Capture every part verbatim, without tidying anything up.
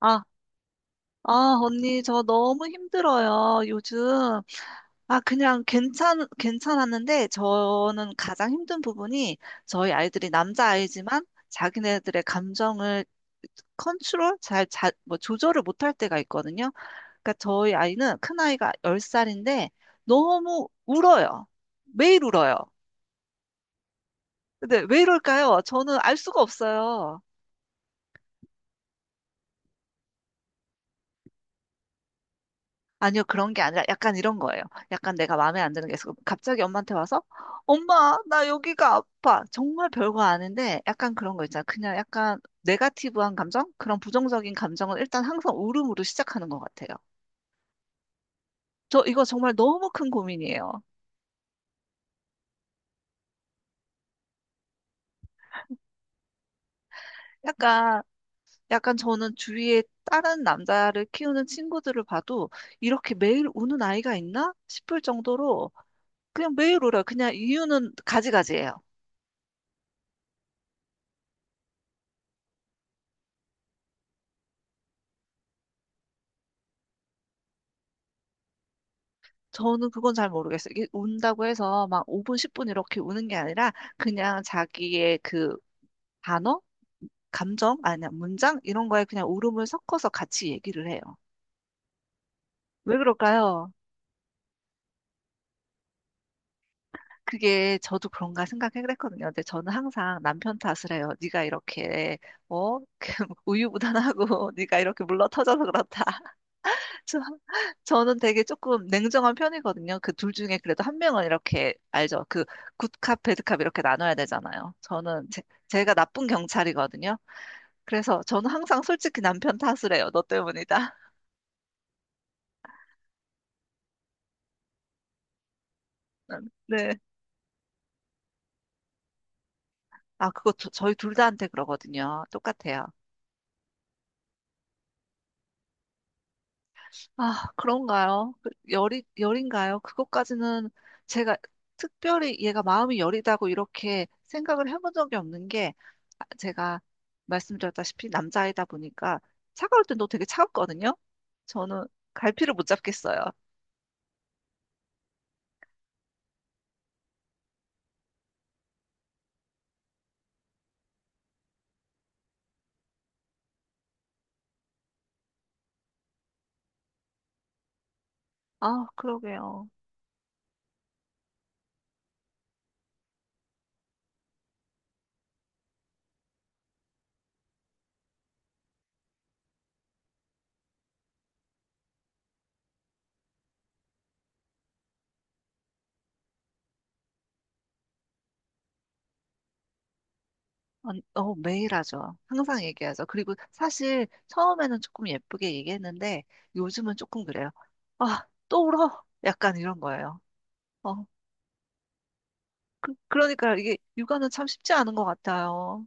아, 아, 언니, 저 너무 힘들어요, 요즘. 아, 그냥 괜찮, 괜찮았는데, 저는 가장 힘든 부분이 저희 아이들이 남자아이지만 자기네들의 감정을 컨트롤, 잘, 자, 뭐, 조절을 못할 때가 있거든요. 그러니까 저희 아이는 큰아이가 열 살인데 너무 울어요. 매일 울어요. 근데 왜 이럴까요? 저는 알 수가 없어요. 아니요, 그런 게 아니라 약간 이런 거예요. 약간 내가 마음에 안 드는 게 있어. 갑자기 엄마한테 와서, 엄마, 나 여기가 아파. 정말 별거 아닌데, 약간 그런 거 있잖아. 그냥 약간 네가티브한 감정? 그런 부정적인 감정은 일단 항상 울음으로 시작하는 것 같아요. 저 이거 정말 너무 큰 고민이에요. 약간, 약간 저는 주위에 다른 남자를 키우는 친구들을 봐도 이렇게 매일 우는 아이가 있나 싶을 정도로 그냥 매일 울어요. 그냥 이유는 가지가지예요. 저는 그건 잘 모르겠어요. 이게 운다고 해서 막 오 분, 십 분 이렇게 우는 게 아니라 그냥 자기의 그 단어, 감정, 아니, 문장 이런 거에 그냥 울음을 섞어서 같이 얘기를 해요. 왜 그럴까요? 그게 저도 그런가 생각했거든요. 근데 저는 항상 남편 탓을 해요. 네가 이렇게 어? 우유부단하고 네가 이렇게 물러터져서 그렇다. 저- 저는 되게 조금 냉정한 편이거든요. 그 둘 중에 그래도 한 명은 이렇게 알죠. 그 굿캅, 배드캅 이렇게 나눠야 되잖아요. 저는 제, 제가 나쁜 경찰이거든요. 그래서 저는 항상 솔직히 남편 탓을 해요. 너 때문이다. 네. 아, 그거 저, 저희 둘 다한테 그러거든요. 똑같아요. 아, 그런가요? 그 열이, 열인가요? 그것까지는 제가 특별히 얘가 마음이 여리다고 이렇게 생각을 해본 적이 없는 게 아, 제가 말씀드렸다시피 남자이다 보니까 차가울 땐 너 되게 차갑거든요? 저는 갈피를 못 잡겠어요. 아, 그러게요. 언- 어, 매일 하죠. 항상 얘기하죠. 그리고 사실 처음에는 조금 예쁘게 얘기했는데 요즘은 조금 그래요. 아, 또 울어? 약간 이런 거예요. 어, 그, 그러니까 이게 육아는 참 쉽지 않은 것 같아요.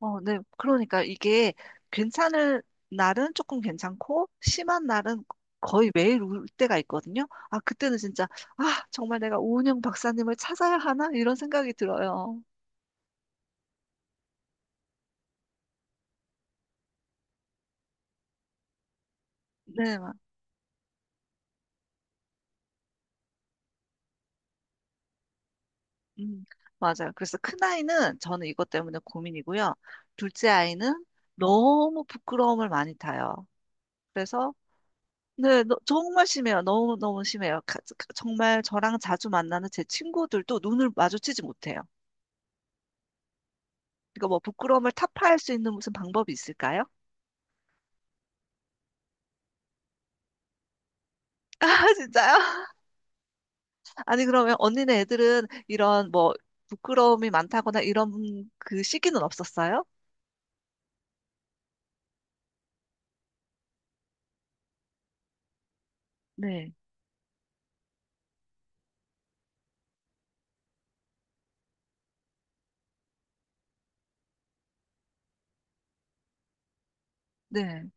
어, 네. 그러니까 이게 괜찮을 날은 조금 괜찮고 심한 날은 거의 매일 울 때가 있거든요. 아, 그때는 진짜 아, 정말 내가 오은영 박사님을 찾아야 하나? 이런 생각이 들어요. 네, 마- 음, 맞아요. 그래서 큰아이는 저는 이것 때문에 고민이고요. 둘째 아이는 너무 부끄러움을 많이 타요. 그래서 네, 너, 정말 심해요. 너무너무 심해요. 가- 가- 정말 저랑 자주 만나는 제 친구들도 눈을 마주치지 못해요. 그러니까 뭐 부끄러움을 타파할 수 있는 무슨 방법이 있을까요? 아, 진짜요? 아니, 그러면 언니네 애들은 이런 뭐 부끄러움이 많다거나 이런 그 시기는 없었어요? 네, 네,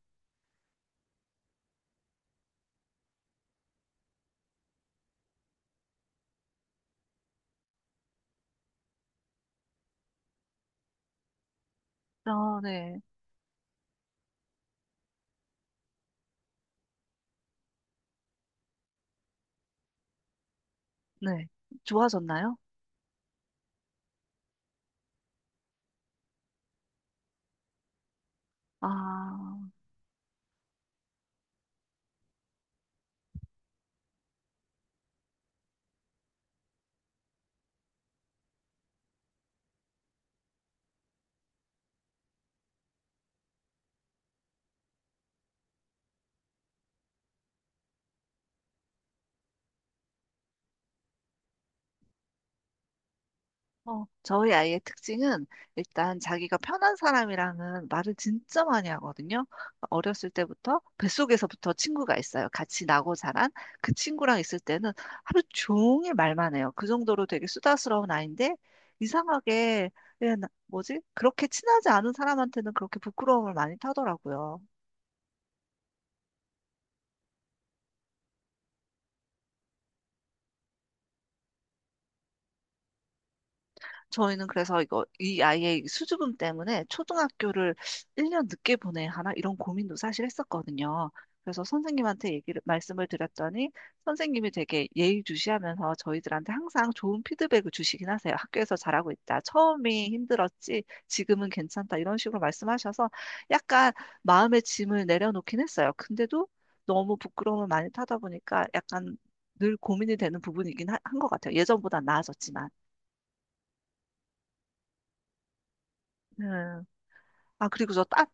아, 네, 네. 좋아졌나요? 아, 어, 저희 아이의 특징은 일단 자기가 편한 사람이랑은 말을 진짜 많이 하거든요. 어렸을 때부터 뱃속에서부터 친구가 있어요. 같이 나고 자란 그 친구랑 있을 때는 하루 종일 말만 해요. 그 정도로 되게 수다스러운 아이인데 이상하게 예, 나- 뭐지? 그렇게 친하지 않은 사람한테는 그렇게 부끄러움을 많이 타더라고요. 저희는 그래서 이거 이 아이의 수주금 때문에 초등학교를 일 년 늦게 보내야 하나 이런 고민도 사실 했었거든요. 그래서 선생님한테 얘기를 말씀을 드렸더니 선생님이 되게 예의주시하면서 저희들한테 항상 좋은 피드백을 주시긴 하세요. 학교에서 잘하고 있다. 처음이 힘들었지. 지금은 괜찮다. 이런 식으로 말씀하셔서 약간 마음의 짐을 내려놓긴 했어요. 근데도 너무 부끄러움을 많이 타다 보니까 약간 늘 고민이 되는 부분이긴 하- 한 것 같아요. 예전보다 나아졌지만. 네. 아, 그리고 저 따,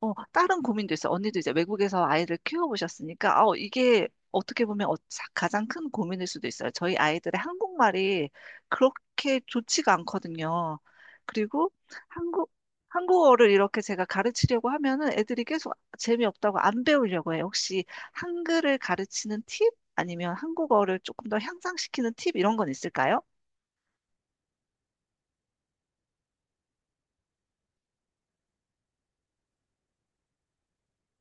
어, 다른 고민도 있어요. 언니도 이제 외국에서 아이를 키워보셨으니까, 어, 이게 어떻게 보면 어, 자- 가장 큰 고민일 수도 있어요. 저희 아이들의 한국말이 그렇게 좋지가 않거든요. 그리고 한국, 한국어를 이렇게 제가 가르치려고 하면은 애들이 계속 재미없다고 안 배우려고 해요. 혹시 한글을 가르치는 팁? 아니면 한국어를 조금 더 향상시키는 팁? 이런 건 있을까요?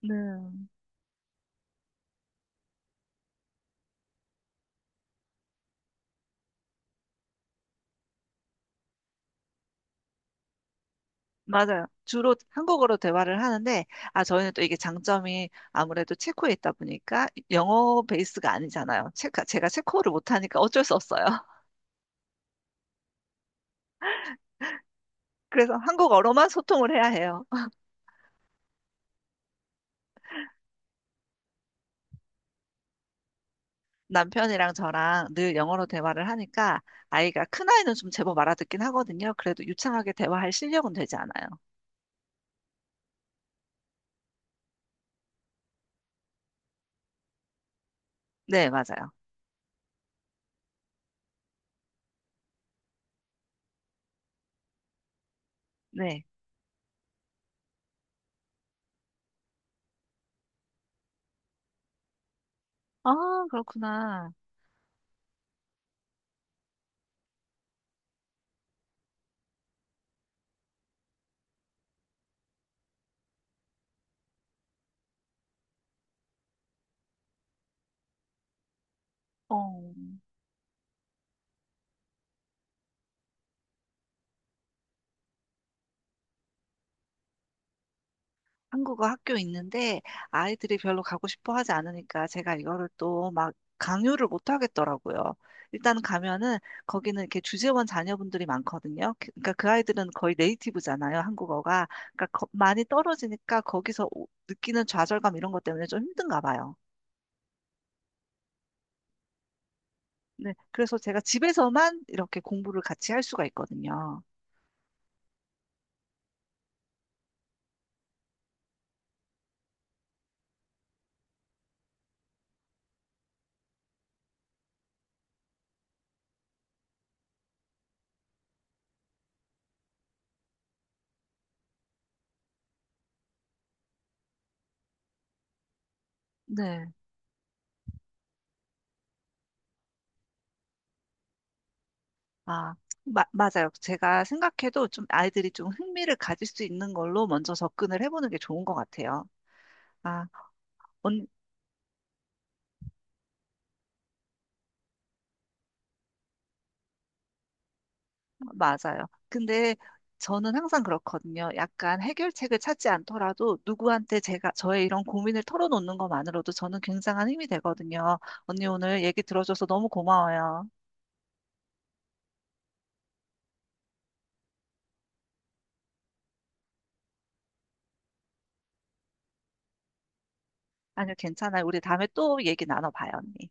네. 맞아요. 주로 한국어로 대화를 하는데, 아, 저희는 또 이게 장점이 아무래도 체코에 있다 보니까 영어 베이스가 아니잖아요. 체카, 제가 체코어를 못하니까 어쩔 수 없어요. 그래서 한국어로만 소통을 해야 해요. 남편이랑 저랑 늘 영어로 대화를 하니까 아이가 큰아이는 좀 제법 알아듣긴 하거든요. 그래도 유창하게 대화할 실력은 되지 않아요. 네, 맞아요. 네. 아, 그렇구나. 어. 한국어 학교 있는데 아이들이 별로 가고 싶어 하지 않으니까 제가 이거를 또 막 강요를 못 하겠더라고요. 일단 가면은 거기는 이렇게 주재원 자녀분들이 많거든요. 그- 그러니까 그 아이들은 거의 네이티브잖아요, 한국어가. 그러니까 거- 많이 떨어지니까 거기서 오- 느끼는 좌절감 이런 것 때문에 좀 힘든가 봐요. 네, 그래서 제가 집에서만 이렇게 공부를 같이 할 수가 있거든요. 네. 아, 마- 맞아요. 제가 생각해도 좀 아이들이 좀 흥미를 가질 수 있는 걸로 먼저 접근을 해보는 게 좋은 것 같아요. 아, 언, 맞아요. 근데 저는 항상 그렇거든요. 약간 해결책을 찾지 않더라도 누구한테 제가 저의 이런 고민을 털어놓는 것만으로도 저는 굉장한 힘이 되거든요. 언니 오늘 얘기 들어줘서 너무 고마워요. 아니요, 괜찮아요. 우리 다음에 또 얘기 나눠봐요, 언니.